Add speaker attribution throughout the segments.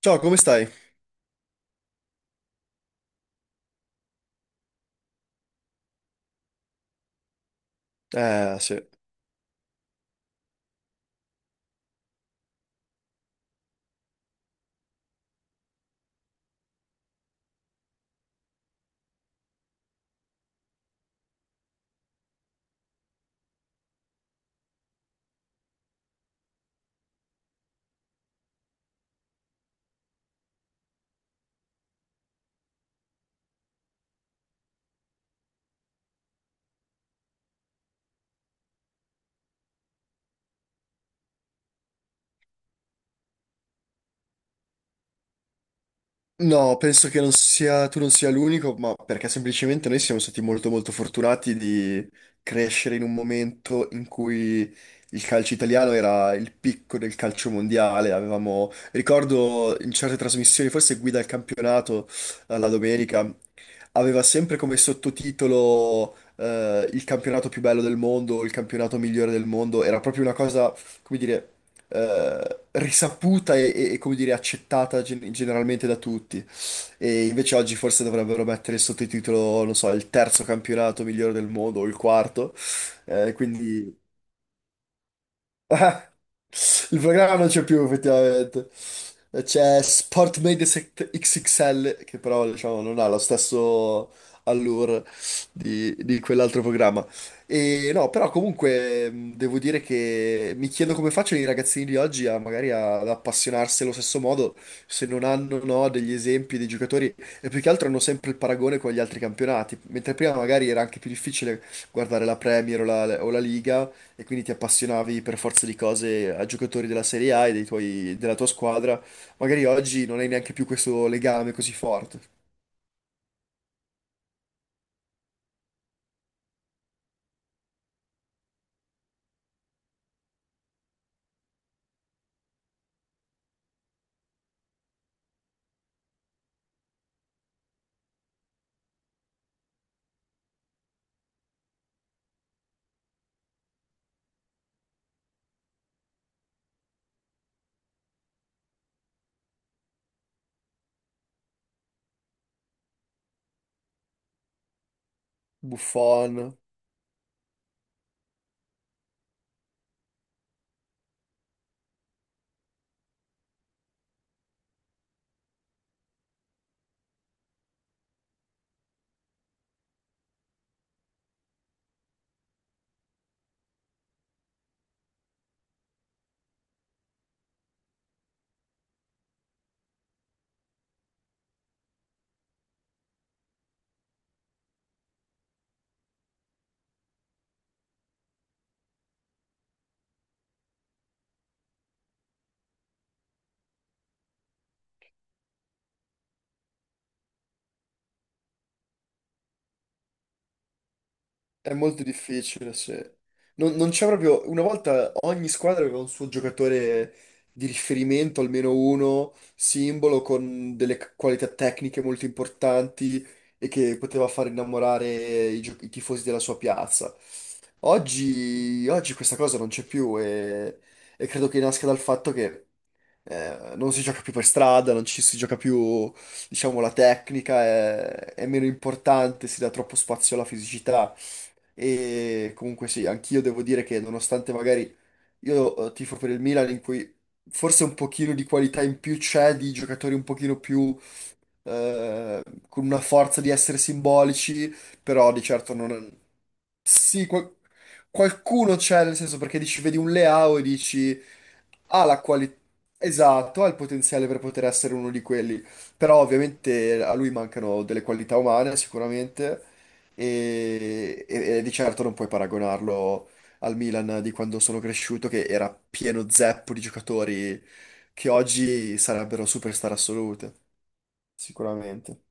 Speaker 1: Ciao, come stai? Sì. No, penso che non sia, tu non sia l'unico, ma perché semplicemente noi siamo stati molto molto fortunati di crescere in un momento in cui il calcio italiano era il picco del calcio mondiale. Avevamo, ricordo in certe trasmissioni, forse Guida al campionato, la domenica, aveva sempre come sottotitolo, il campionato più bello del mondo, il campionato migliore del mondo. Era proprio una cosa, come dire, risaputa e, come dire, accettata generalmente da tutti. E invece oggi forse dovrebbero mettere il sottotitolo, non so, il terzo campionato migliore del mondo o il quarto. Eh, quindi Ah, il programma non c'è più, effettivamente. C'è Sportmade XXL, che però diciamo, non ha lo stesso allure di quell'altro programma. E no, però comunque devo dire che mi chiedo come facciano i ragazzini di oggi a magari ad appassionarsi allo stesso modo se non hanno, no, degli esempi dei giocatori, e più che altro hanno sempre il paragone con gli altri campionati, mentre prima magari era anche più difficile guardare la Premier o la Liga, e quindi ti appassionavi per forza di cose a giocatori della Serie A e della tua squadra. Magari oggi non hai neanche più questo legame così forte. Buffon, è molto difficile, sì. Non c'è proprio. Una volta ogni squadra aveva un suo giocatore di riferimento, almeno uno, simbolo, con delle qualità tecniche molto importanti e che poteva far innamorare i tifosi della sua piazza. Oggi questa cosa non c'è più e credo che nasca dal fatto che, non si gioca più per strada, non ci si gioca più, diciamo, la tecnica è meno importante, si dà troppo spazio alla fisicità. E comunque sì, anch'io devo dire che nonostante magari io tifo per il Milan, in cui forse un pochino di qualità in più c'è, di giocatori un pochino più, eh, con una forza di essere simbolici, però di certo non, sì, qualcuno c'è, nel senso, perché dici, vedi un Leao e dici, ha la qualità, esatto, ha il potenziale per poter essere uno di quelli, però ovviamente a lui mancano delle qualità umane sicuramente e di certo non puoi paragonarlo al Milan di quando sono cresciuto, che era pieno zeppo di giocatori che oggi sarebbero superstar assolute, sicuramente.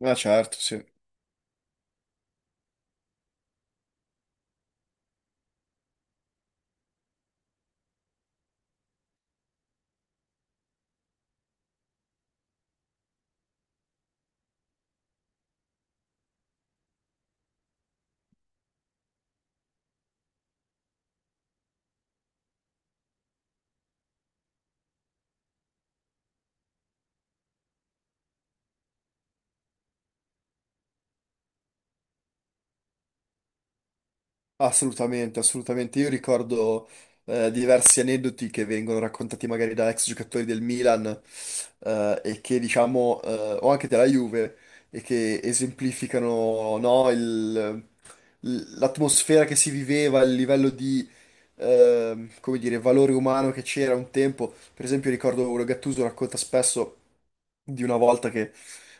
Speaker 1: Ma certo, sì. Assolutamente, assolutamente. Io ricordo, diversi aneddoti che vengono raccontati magari da ex giocatori del Milan, e che diciamo, o anche della Juve, e che esemplificano, no, l'atmosfera che si viveva, il livello di come dire, valore umano che c'era un tempo. Per esempio, ricordo Gattuso racconta spesso di una volta che,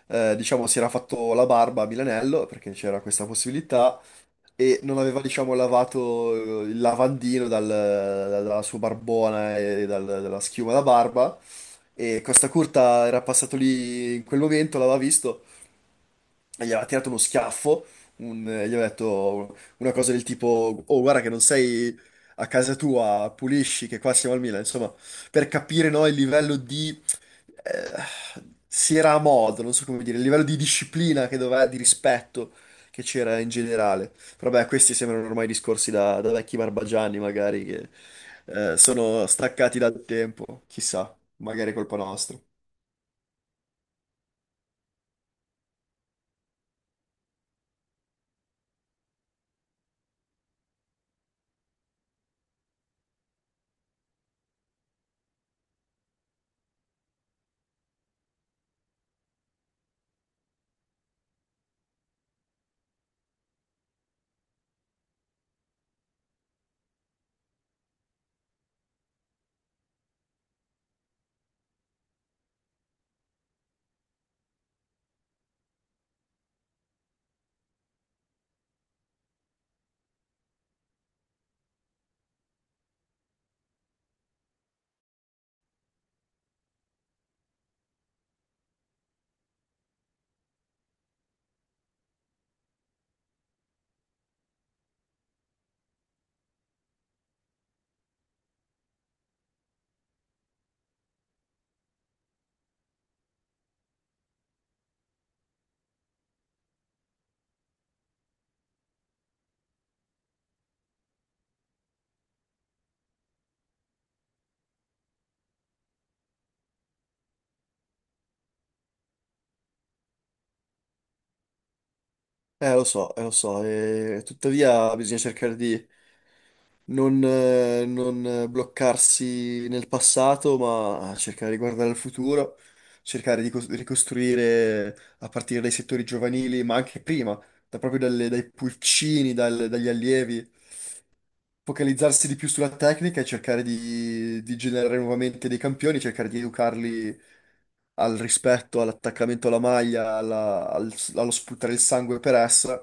Speaker 1: diciamo, si era fatto la barba a Milanello perché c'era questa possibilità e non aveva, diciamo, lavato, il lavandino dalla sua barbona e dalla schiuma da barba, e Costa Curta era passato lì in quel momento, l'aveva visto e gli aveva tirato uno schiaffo, e gli aveva detto una cosa del tipo: "Oh, guarda che non sei a casa tua, pulisci, che qua siamo al Milan". Insomma, per capire, no, il livello di, si era a modo, non so come dire, il livello di disciplina che doveva, di rispetto che c'era in generale. Però beh, questi sembrano ormai discorsi da, da vecchi barbagianni, magari, che, sono staccati dal tempo. Chissà, magari è colpa nostra. Lo so, e tuttavia bisogna cercare di non bloccarsi nel passato, ma cercare di guardare al futuro, cercare di ricostruire a partire dai settori giovanili, ma anche prima, proprio dai pulcini, dagli allievi, focalizzarsi di più sulla tecnica e cercare di generare nuovamente dei campioni, cercare di educarli al rispetto, all'attaccamento alla maglia, allo sputare il sangue per essa,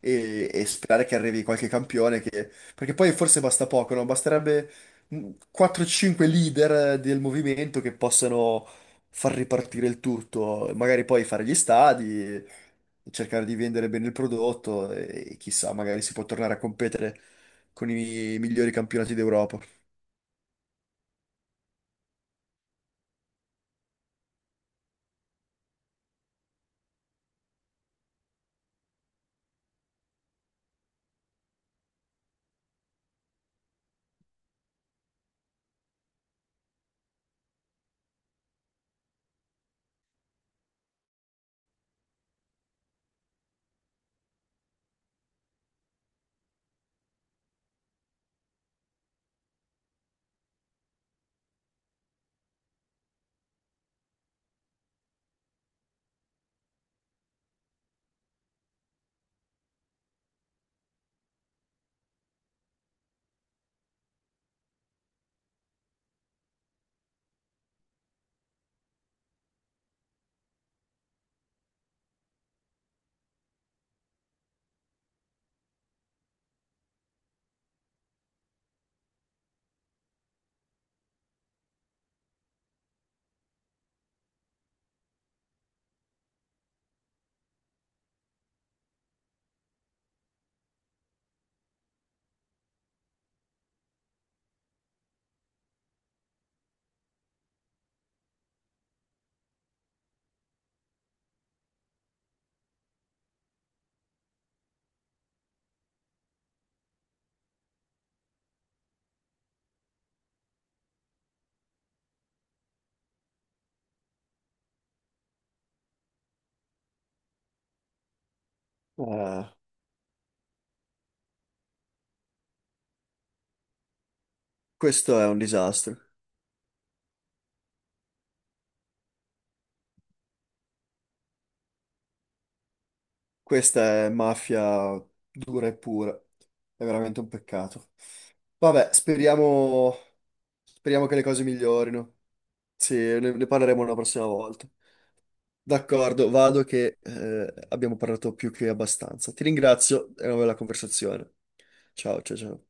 Speaker 1: e sperare che arrivi qualche campione perché poi forse basta poco, no? Basterebbe mh, 4-5 leader del movimento che possano far ripartire il tutto, magari poi fare gli stadi, cercare di vendere bene il prodotto e chissà, magari si può tornare a competere con i migliori campionati d'Europa. Eh, questo è un disastro. Questa è mafia dura e pura. È veramente un peccato. Vabbè, speriamo, speriamo che le cose migliorino. Sì, ne parleremo la prossima volta. D'accordo, vado che abbiamo parlato più che abbastanza. Ti ringrazio, è una bella conversazione. Ciao, ciao, ciao.